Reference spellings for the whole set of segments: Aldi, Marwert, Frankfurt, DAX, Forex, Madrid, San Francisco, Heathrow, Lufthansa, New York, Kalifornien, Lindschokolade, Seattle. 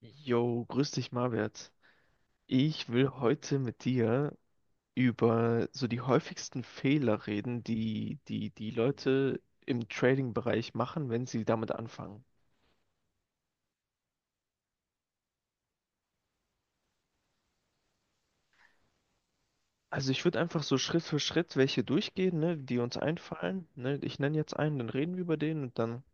Jo, grüß dich, Marwert. Ich will heute mit dir über so die häufigsten Fehler reden, die die Leute im Trading-Bereich machen, wenn sie damit anfangen. Also ich würde einfach so Schritt für Schritt welche durchgehen, ne, die uns einfallen. Ne? Ich nenne jetzt einen, dann reden wir über den und dann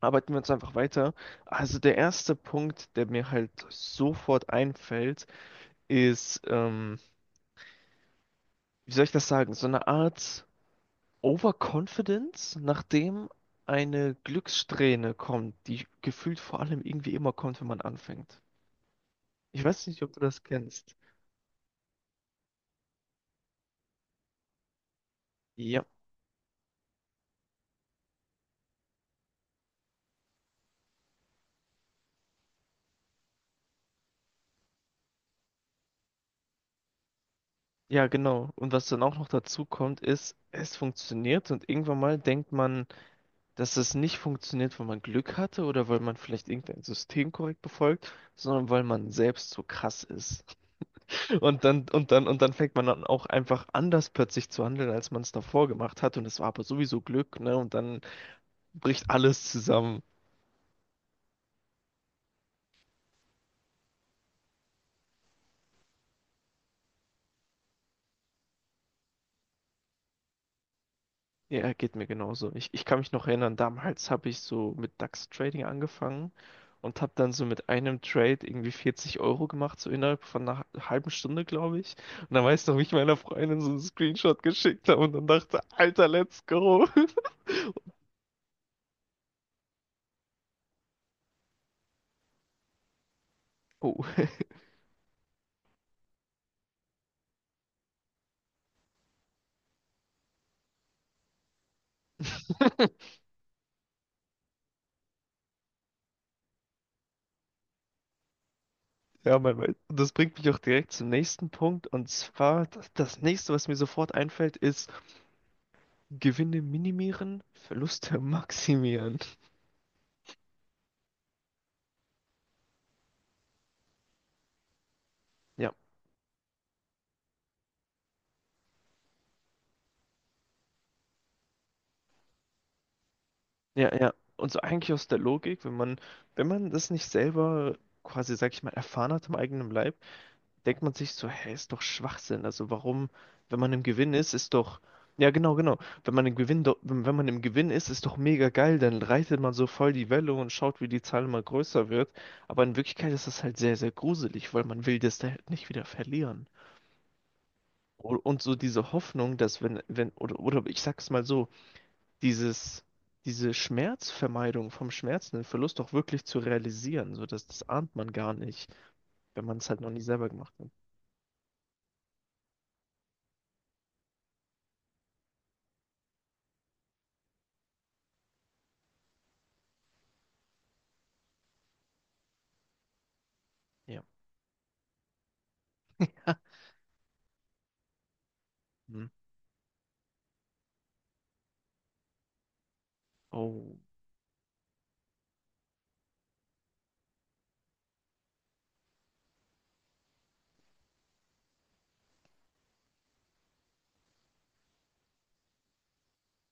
arbeiten wir uns einfach weiter. Also der erste Punkt, der mir halt sofort einfällt, ist, wie soll ich das sagen, so eine Art Overconfidence, nachdem eine Glückssträhne kommt, die gefühlt vor allem irgendwie immer kommt, wenn man anfängt. Ich weiß nicht, ob du das kennst. Ja, ja, genau. Und was dann auch noch dazu kommt, ist, es funktioniert und irgendwann mal denkt man, dass es nicht funktioniert, weil man Glück hatte oder weil man vielleicht irgendein System korrekt befolgt, sondern weil man selbst so krass ist. Und dann, und dann fängt man dann auch einfach anders plötzlich zu handeln, als man es davor gemacht hat. Und es war aber sowieso Glück, ne? Und dann bricht alles zusammen. Ja, geht mir genauso. Ich kann mich noch erinnern, damals habe ich so mit DAX Trading angefangen und habe dann so mit einem Trade irgendwie 40 € gemacht, so innerhalb von einer halben Stunde, glaube ich. Und dann weiß noch, wie ich meiner Freundin so einen Screenshot geschickt habe und dann dachte, Alter, let's go. Oh. Ja, man weiß. Und das bringt mich auch direkt zum nächsten Punkt. Und zwar, das nächste, was mir sofort einfällt, ist Gewinne minimieren, Verluste maximieren. Ja, ja, ja. Und so eigentlich aus der Logik, wenn man das nicht selber quasi, sag ich mal, erfahren hat im eigenen Leib, denkt man sich so, hey, ist doch Schwachsinn. Also warum, wenn man im Gewinn ist, ist doch, ja genau, genau. Wenn man im Gewinn, do- Wenn man im Gewinn ist, ist doch mega geil. Dann reitet man so voll die Welle und schaut, wie die Zahl immer größer wird. Aber in Wirklichkeit ist das halt sehr, sehr gruselig, weil man will das da halt nicht wieder verlieren. Und so diese Hoffnung, dass wenn, wenn, oder, ich sag's mal so, dieses, diese Schmerzvermeidung vom Schmerz, den Verlust auch wirklich zu realisieren. So, dass das ahnt man gar nicht, wenn man es halt noch nie selber gemacht hat. Ja. Ha. Hm. Oh.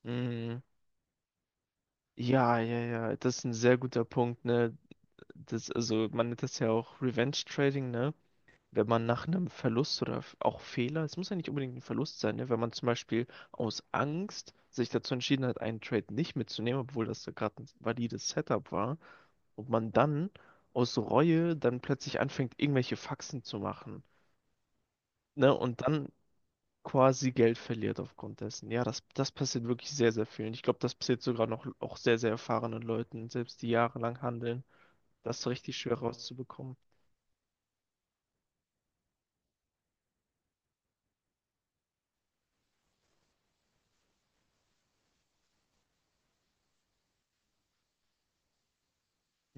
Hm. Ja, ja, ja. Das ist ein sehr guter Punkt, ne? Das, also man nennt das ja auch Revenge Trading, ne? Wenn man nach einem Verlust oder auch Fehler, es muss ja nicht unbedingt ein Verlust sein, ne? Wenn man zum Beispiel aus Angst sich dazu entschieden hat, einen Trade nicht mitzunehmen, obwohl das ja gerade ein valides Setup war, ob man dann aus Reue dann plötzlich anfängt, irgendwelche Faxen zu machen, ne, und dann quasi Geld verliert aufgrund dessen. Ja, das, das passiert wirklich sehr, sehr vielen. Ich glaube, das passiert sogar noch auch sehr, sehr erfahrenen Leuten, selbst die jahrelang handeln, das so richtig schwer rauszubekommen.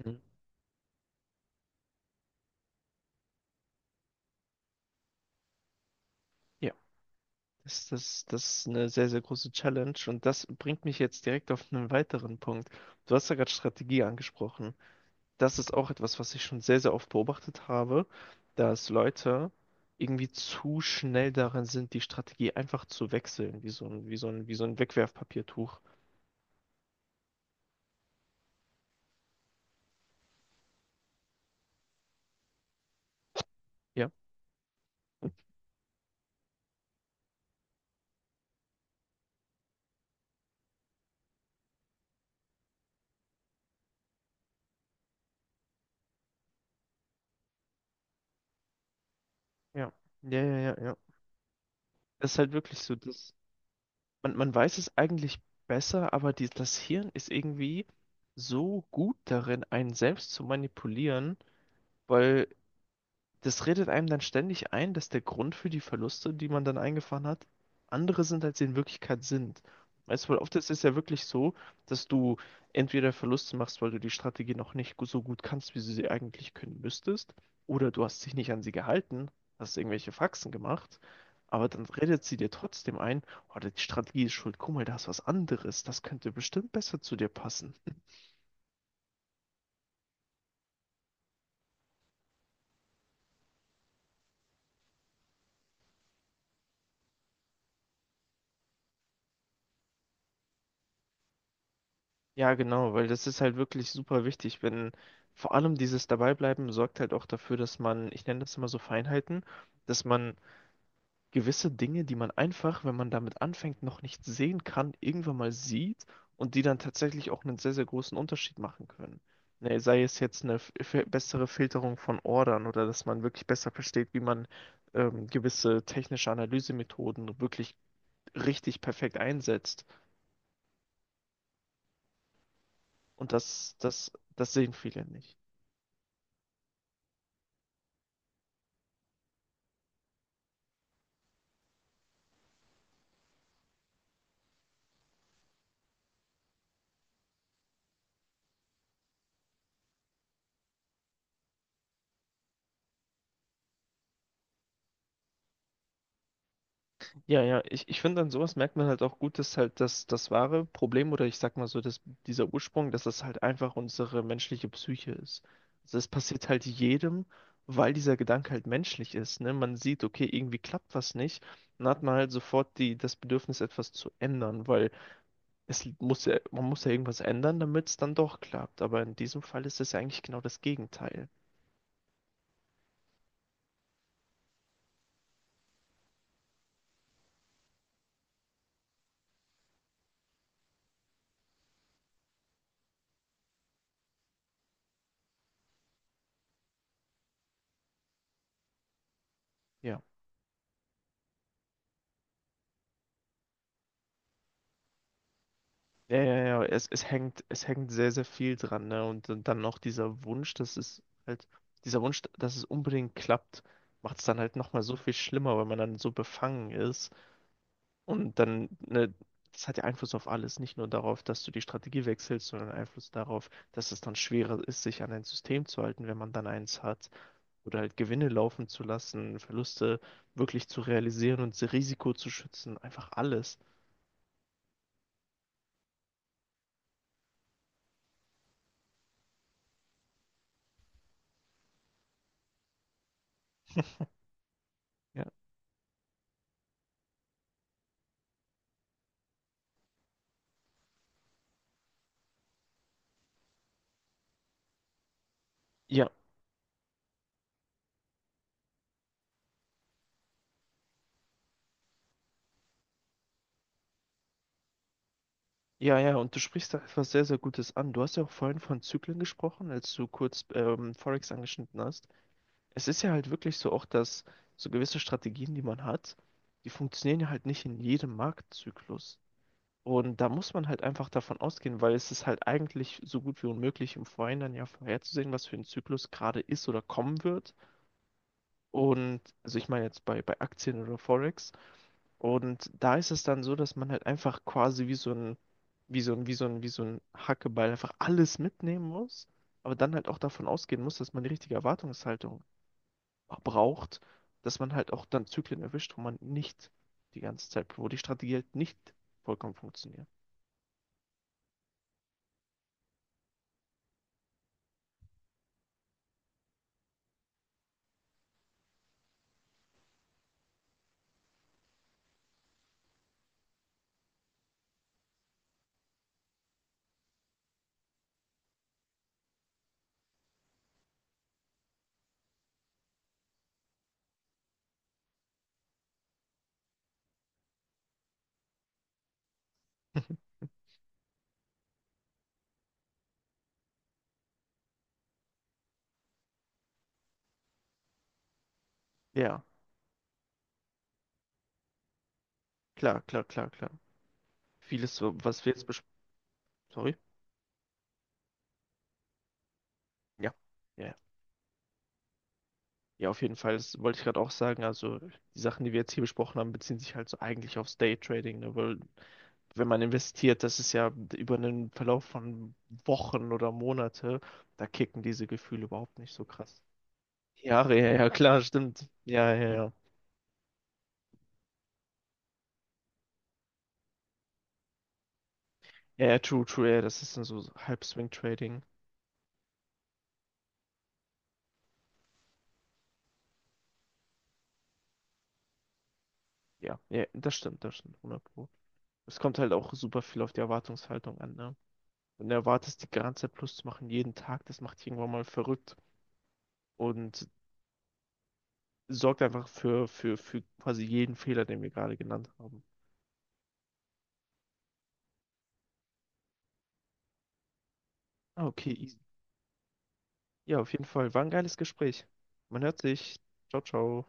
Mhm. Ja, das ist eine sehr, sehr große Challenge und das bringt mich jetzt direkt auf einen weiteren Punkt. Du hast ja gerade Strategie angesprochen. Das ist auch etwas, was ich schon sehr, sehr oft beobachtet habe, dass Leute irgendwie zu schnell darin sind, die Strategie einfach zu wechseln, wie so ein Wegwerfpapiertuch. Ja. Ja. Ja. Das ist halt wirklich so, dass man weiß es eigentlich besser, aber die, das Hirn ist irgendwie so gut darin, einen selbst zu manipulieren, weil das redet einem dann ständig ein, dass der Grund für die Verluste, die man dann eingefahren hat, andere sind, als sie in Wirklichkeit sind. Weißt du, weil oft ist es ja wirklich so, dass du entweder Verluste machst, weil du die Strategie noch nicht gu- so gut kannst, wie du sie eigentlich können müsstest, oder du hast dich nicht an sie gehalten, hast irgendwelche Faxen gemacht, aber dann redet sie dir trotzdem ein, oh, die Strategie ist schuld, guck mal, da ist was anderes, das könnte bestimmt besser zu dir passen. Ja, genau, weil das ist halt wirklich super wichtig, wenn vor allem dieses Dabeibleiben sorgt halt auch dafür, ich nenne das immer so Feinheiten, dass man gewisse Dinge, die man einfach, wenn man damit anfängt, noch nicht sehen kann, irgendwann mal sieht und die dann tatsächlich auch einen sehr, sehr großen Unterschied machen können. Ne, sei es jetzt eine bessere Filterung von Ordern oder dass man wirklich besser versteht, wie man gewisse technische Analysemethoden wirklich richtig perfekt einsetzt. Und das sehen viele nicht. Ja, ja, ich finde, an sowas merkt man halt auch gut, das wahre Problem oder ich sag mal so, dass dieser Ursprung, dass das halt einfach unsere menschliche Psyche ist. Also das passiert halt jedem, weil dieser Gedanke halt menschlich ist, ne? Man sieht, okay, irgendwie klappt was nicht, dann hat man halt sofort das Bedürfnis, etwas zu ändern, weil man muss ja irgendwas ändern, damit es dann doch klappt. Aber in diesem Fall ist es ja eigentlich genau das Gegenteil. Ja. Ja, ja, ja, es hängt sehr, sehr viel dran, ne? Und dann noch dieser Wunsch, dieser Wunsch, dass es unbedingt klappt, macht es dann halt nochmal so viel schlimmer, weil man dann so befangen ist. Und dann, ne, das hat ja Einfluss auf alles, nicht nur darauf, dass du die Strategie wechselst, sondern Einfluss darauf, dass es dann schwerer ist, sich an ein System zu halten, wenn man dann eins hat. Oder halt Gewinne laufen zu lassen, Verluste wirklich zu realisieren und Risiko zu schützen, einfach alles. Ja. Ja, ja, und du sprichst da etwas sehr, sehr Gutes an. Du hast ja auch vorhin von Zyklen gesprochen, als du kurz Forex angeschnitten hast. Es ist ja halt wirklich so auch, dass so gewisse Strategien, die man hat, die funktionieren ja halt nicht in jedem Marktzyklus. Und da muss man halt einfach davon ausgehen, weil es ist halt eigentlich so gut wie unmöglich, im Vorhinein dann ja vorherzusehen, was für ein Zyklus gerade ist oder kommen wird. Und also ich meine bei Aktien oder Forex. Und da ist es dann so, dass man halt einfach quasi wie so ein, wie so ein, wie so ein, wie so ein Hackeball einfach alles mitnehmen muss, aber dann halt auch davon ausgehen muss, dass man die richtige Erwartungshaltung braucht, dass man halt auch dann Zyklen erwischt, wo man nicht die ganze Zeit, wo die Strategie halt nicht vollkommen funktioniert. Ja, klar, klar, klar, klar. Vieles, so, was wir jetzt besprechen. Sorry? Ja. Ja. Ja, auf jeden Fall. Das wollte ich gerade auch sagen. Also, die Sachen, die wir jetzt hier besprochen haben, beziehen sich halt so eigentlich aufs Daytrading, ne? Weil wenn man investiert, das ist ja über einen Verlauf von Wochen oder Monate, da kicken diese Gefühle überhaupt nicht so krass. Jahre, ja, ja, klar, stimmt. Ja, ja, ja. Ja, ja, true, true, ja, das ist dann so Halbswing-Trading. Ja, ja, das stimmt, 100 Pro. Es kommt halt auch super viel auf die Erwartungshaltung an, ne? Wenn du erwartest, die ganze Zeit Plus zu machen, jeden Tag, das macht dich irgendwann mal verrückt und sorgt einfach für quasi jeden Fehler, den wir gerade genannt haben. Ah, okay, easy. Ja, auf jeden Fall. War ein geiles Gespräch. Man hört sich. Ciao, ciao.